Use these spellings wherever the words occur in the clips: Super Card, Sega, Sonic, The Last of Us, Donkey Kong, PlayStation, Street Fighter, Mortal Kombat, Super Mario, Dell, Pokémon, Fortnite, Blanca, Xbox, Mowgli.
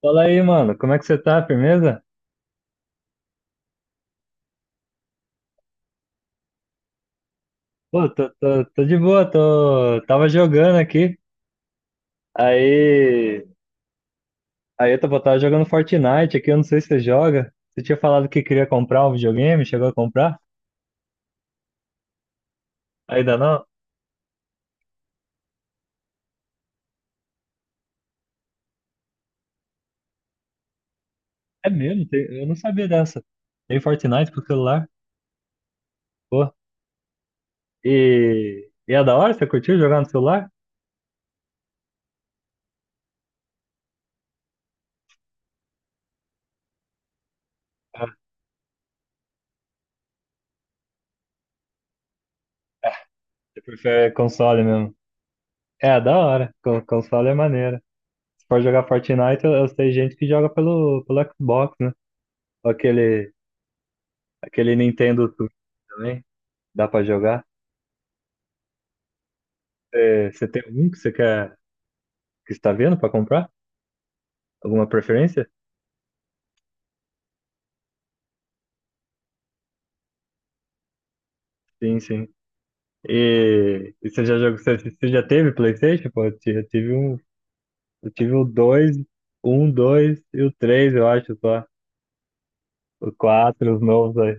Fala aí, mano, como é que você tá? Firmeza? Pô, tô de boa, tô, tava jogando aqui, aí, aí eu tava jogando Fortnite aqui. Eu não sei se você joga, você tinha falado que queria comprar um videogame, chegou a comprar? Ainda não? É mesmo, eu não sabia dessa, tem Fortnite pro celular. Pô, e é da hora, você curtiu jogar no celular? Ah, você prefere console mesmo? É, da hora. Console é maneira. Se for jogar Fortnite, eu sei gente que joga pelo Xbox, né? Aquele... Aquele Nintendo Switch também, dá pra jogar. É, você tem algum que você quer, que está vendo pra comprar? Alguma preferência? Sim, sim. E você já jogou, você já teve PlayStation? Pô, eu tive um, eu tive o 2, um, dois e o 3, eu acho só. O 4, os novos aí.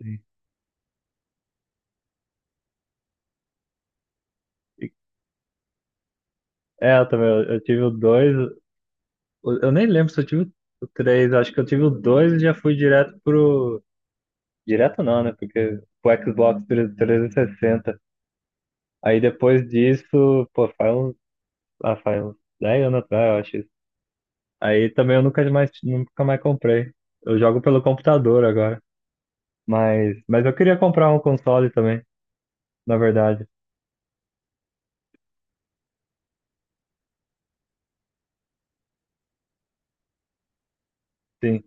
Sim. E- É, eu também, eu tive o 2. Eu nem lembro se eu tive o 3. Acho que eu tive o 2 e já fui direto pro... Direto não, né? Porque o Xbox 360. Aí depois disso, pô, faz uns, faz uns 10 anos atrás, eu acho. Isso. Aí também eu nunca mais, nunca mais comprei. Eu jogo pelo computador agora. Mas eu queria comprar um console também, na verdade. Sim.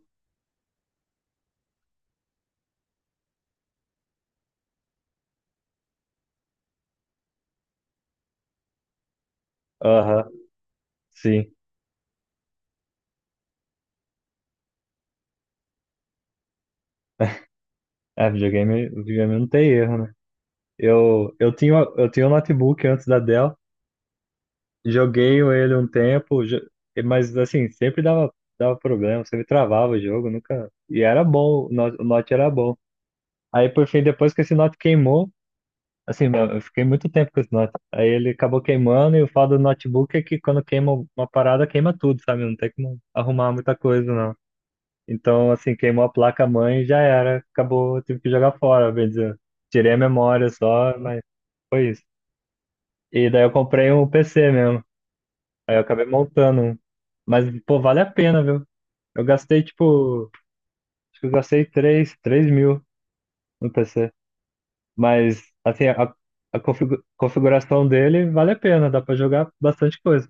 Aham, sim. É, videogame não tem erro, né? Eu tinha um notebook antes da Dell, joguei ele um tempo, mas assim, sempre dava, dava problema, sempre travava o jogo, nunca. E era bom, o Note era bom. Aí, por fim, depois que esse Note queimou, assim, meu, eu fiquei muito tempo com esse note. Aí ele acabou queimando, e o foda do notebook é que quando queima uma parada, queima tudo, sabe? Não tem como arrumar muita coisa, não. Então, assim, queimou a placa-mãe e já era. Acabou, eu tive que jogar fora, bem dizer. Tirei a memória só, mas foi isso. E daí eu comprei um PC mesmo. Aí eu acabei montando um. Mas, pô, vale a pena, viu? Eu gastei, tipo, acho que eu gastei três mil no PC. Mas, assim, a, configuração dele vale a pena, dá pra jogar bastante coisa.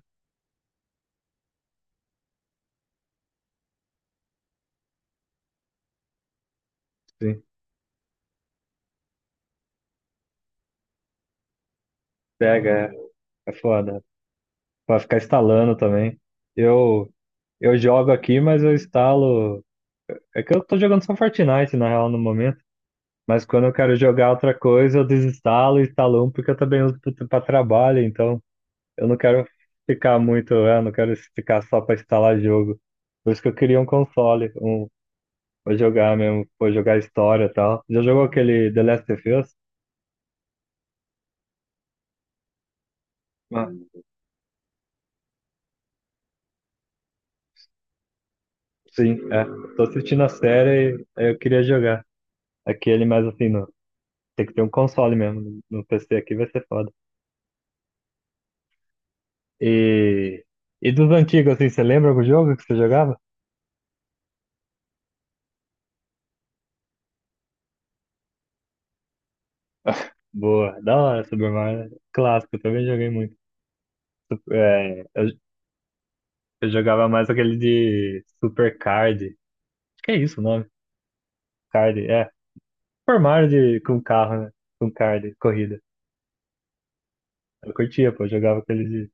Sim, pega. É, é foda. Pra ficar instalando também. Eu, eu jogo aqui, mas eu instalo. É que eu tô jogando só Fortnite, na real, no momento. Mas quando eu quero jogar outra coisa, eu desinstalo e instalo um, porque eu também uso pra trabalho, então eu não quero ficar muito, é, não quero ficar só pra instalar jogo. Por isso que eu queria um console, um... Vou jogar mesmo, vou jogar história e tal. Já jogou aquele The Last of Us? Ah, sim, é. Tô assistindo a série e aí eu queria jogar. Aquele, mas assim, no, tem que ter um console mesmo, né? No PC aqui vai ser foda. E, e dos antigos, assim, você lembra algum jogo que você jogava? Boa, da hora, Super Mario. Clássico, eu também joguei muito. Sup- É, eu, eu jogava mais aquele de Super Card. Acho que é isso o nome. Card, é. Super Mario de, com carro, né? Com card, corrida. Eu curtia, pô, eu jogava aquele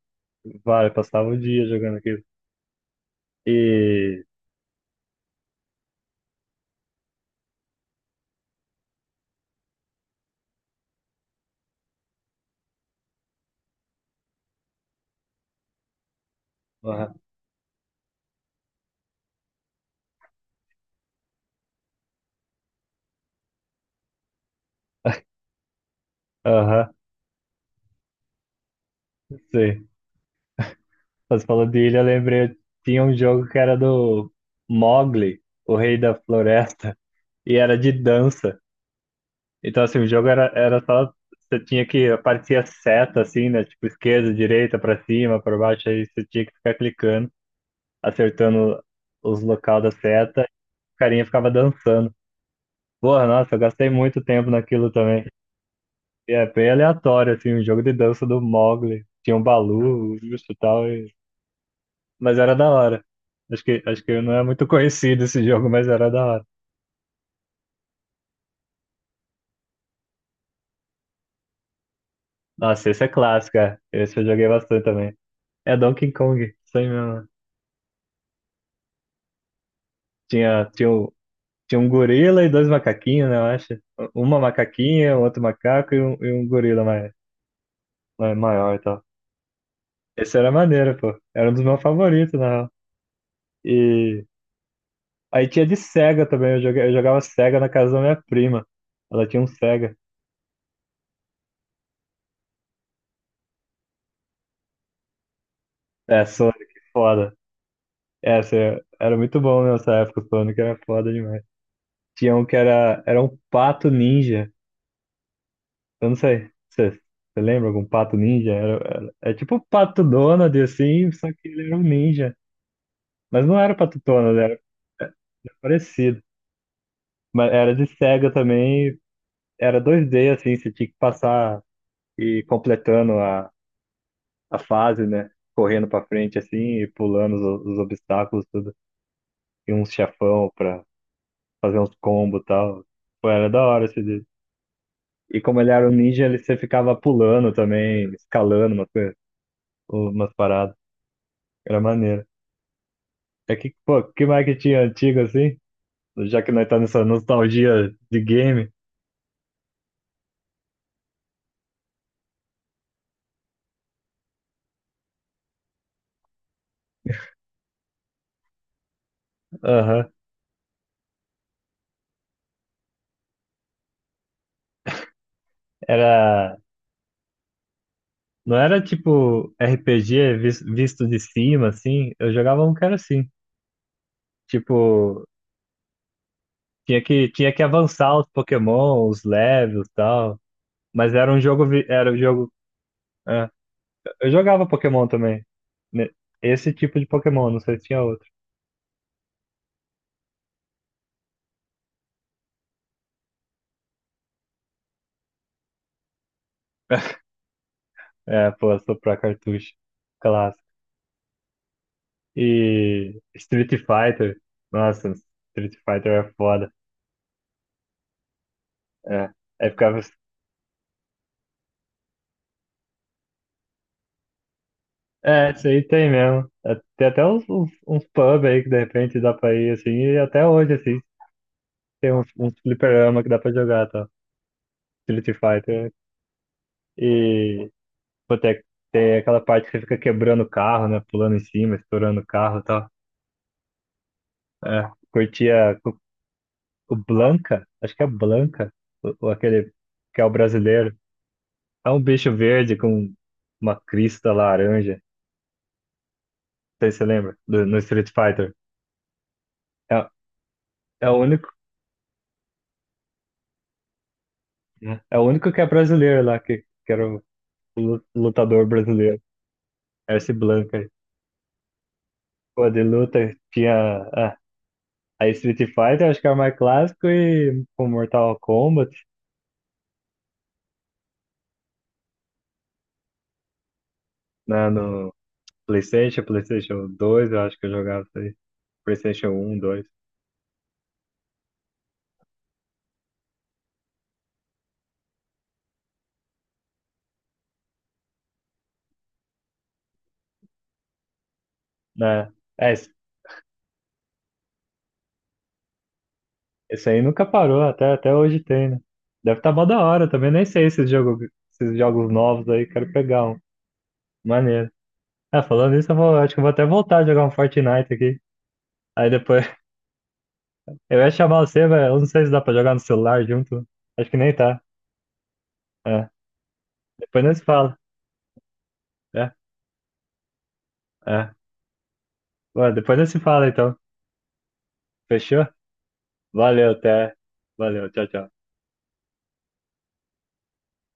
Vale, passava o dia jogando aquilo. E. Aham. Aham, sei. Você falou de ilha, eu lembrei. Tinha um jogo que era do Mowgli, o Rei da Floresta, e era de dança. Então, assim, o jogo era, era só. Você tinha que... Aparecia seta, assim, né? Tipo, esquerda, direita, pra cima, pra baixo. Aí você tinha que ficar clicando, acertando os locais da seta. E o carinha ficava dançando. Porra, nossa, eu gastei muito tempo naquilo também. E é bem aleatório, assim, o jogo de dança do Mogli. Tinha um Balu, justo e tal, e... mas era da hora. Acho que não é muito conhecido esse jogo, mas era da hora. Nossa, esse é clássico, é. Esse eu joguei bastante também. É Donkey Kong, isso aí mesmo. Tinha, tinha, o- tinha um gorila e dois macaquinhos, né, eu acho. Uma macaquinha, outro macaco e um gorila mais, maior e tal. Esse era maneiro, pô. Era um dos meus favoritos, na real. E aí tinha de Sega também, eu jogava Sega na casa da minha prima. Ela tinha um Sega. É, Sonic, foda. É, essa é, era muito bom nessa época, o Sonic era foda demais. Tinha um que era um pato ninja. Eu não sei, você lembra algum pato ninja? É tipo o pato Donald, assim, só que ele era um ninja. Mas não era o pato Donald, era parecido. Mas era de Sega também, era 2D assim, você tinha que passar e ir completando a fase, né? Correndo pra frente assim e pulando os obstáculos, tudo. E uns chefão pra fazer uns combos e tal. Pô, era da hora esse dia. E como ele era um ninja, ele, você ficava pulando também, escalando umas, coisas, umas paradas. Era maneiro. É que, pô, que mais que tinha antigo assim? Já que nós tá nessa nostalgia de game. Aham. Era. Não era tipo RPG visto de cima, assim. Eu jogava um que era assim. Tipo, tinha que avançar os Pokémon, os levels e tal. Mas era um jogo. Era um jogo. É. Eu jogava Pokémon também, né? Esse tipo de Pokémon, não sei se tinha outro. É, pô, soprar cartucho. Clássico. E Street Fighter. Nossa, Street Fighter é foda. É. Aí ficava, assim. É, isso aí tem mesmo. É, tem até uns pub aí que de repente dá pra ir assim. E até hoje, assim, tem uns fliperama que dá pra jogar, tá? Street Fighter. E. Pô, tem aquela parte que você fica quebrando o carro, né? Pulando em cima, estourando o carro e tal. É. Curtia o Blanca, acho que é Blanca, o aquele que é o brasileiro. É um bicho verde com uma crista laranja. Não sei se você lembra, no Street Fighter. É, é o único. Né? É o único que é brasileiro lá, que era o lutador brasileiro. Era esse Blanca aí. Pô, de luta tinha. Ah, aí Street Fighter, acho que era mais clássico, e com Mortal Kombat, né, no PlayStation, PlayStation 2, eu acho que eu jogava isso aí. PlayStation 1, 2. Né? É, esse aí nunca parou, até, até hoje tem, né? Deve estar tá mó da hora, também nem sei esses jogos novos aí, quero pegar um. Maneiro. É, falando isso, eu vou, acho que eu vou até voltar a jogar um Fortnite aqui. Aí depois, eu ia chamar você, velho, eu não sei se dá pra jogar no celular junto. Acho que nem tá. É, depois nós se fala. É, é. Ué, depois nós se fala, então. Fechou? Valeu, até. Valeu, tchau, tchau.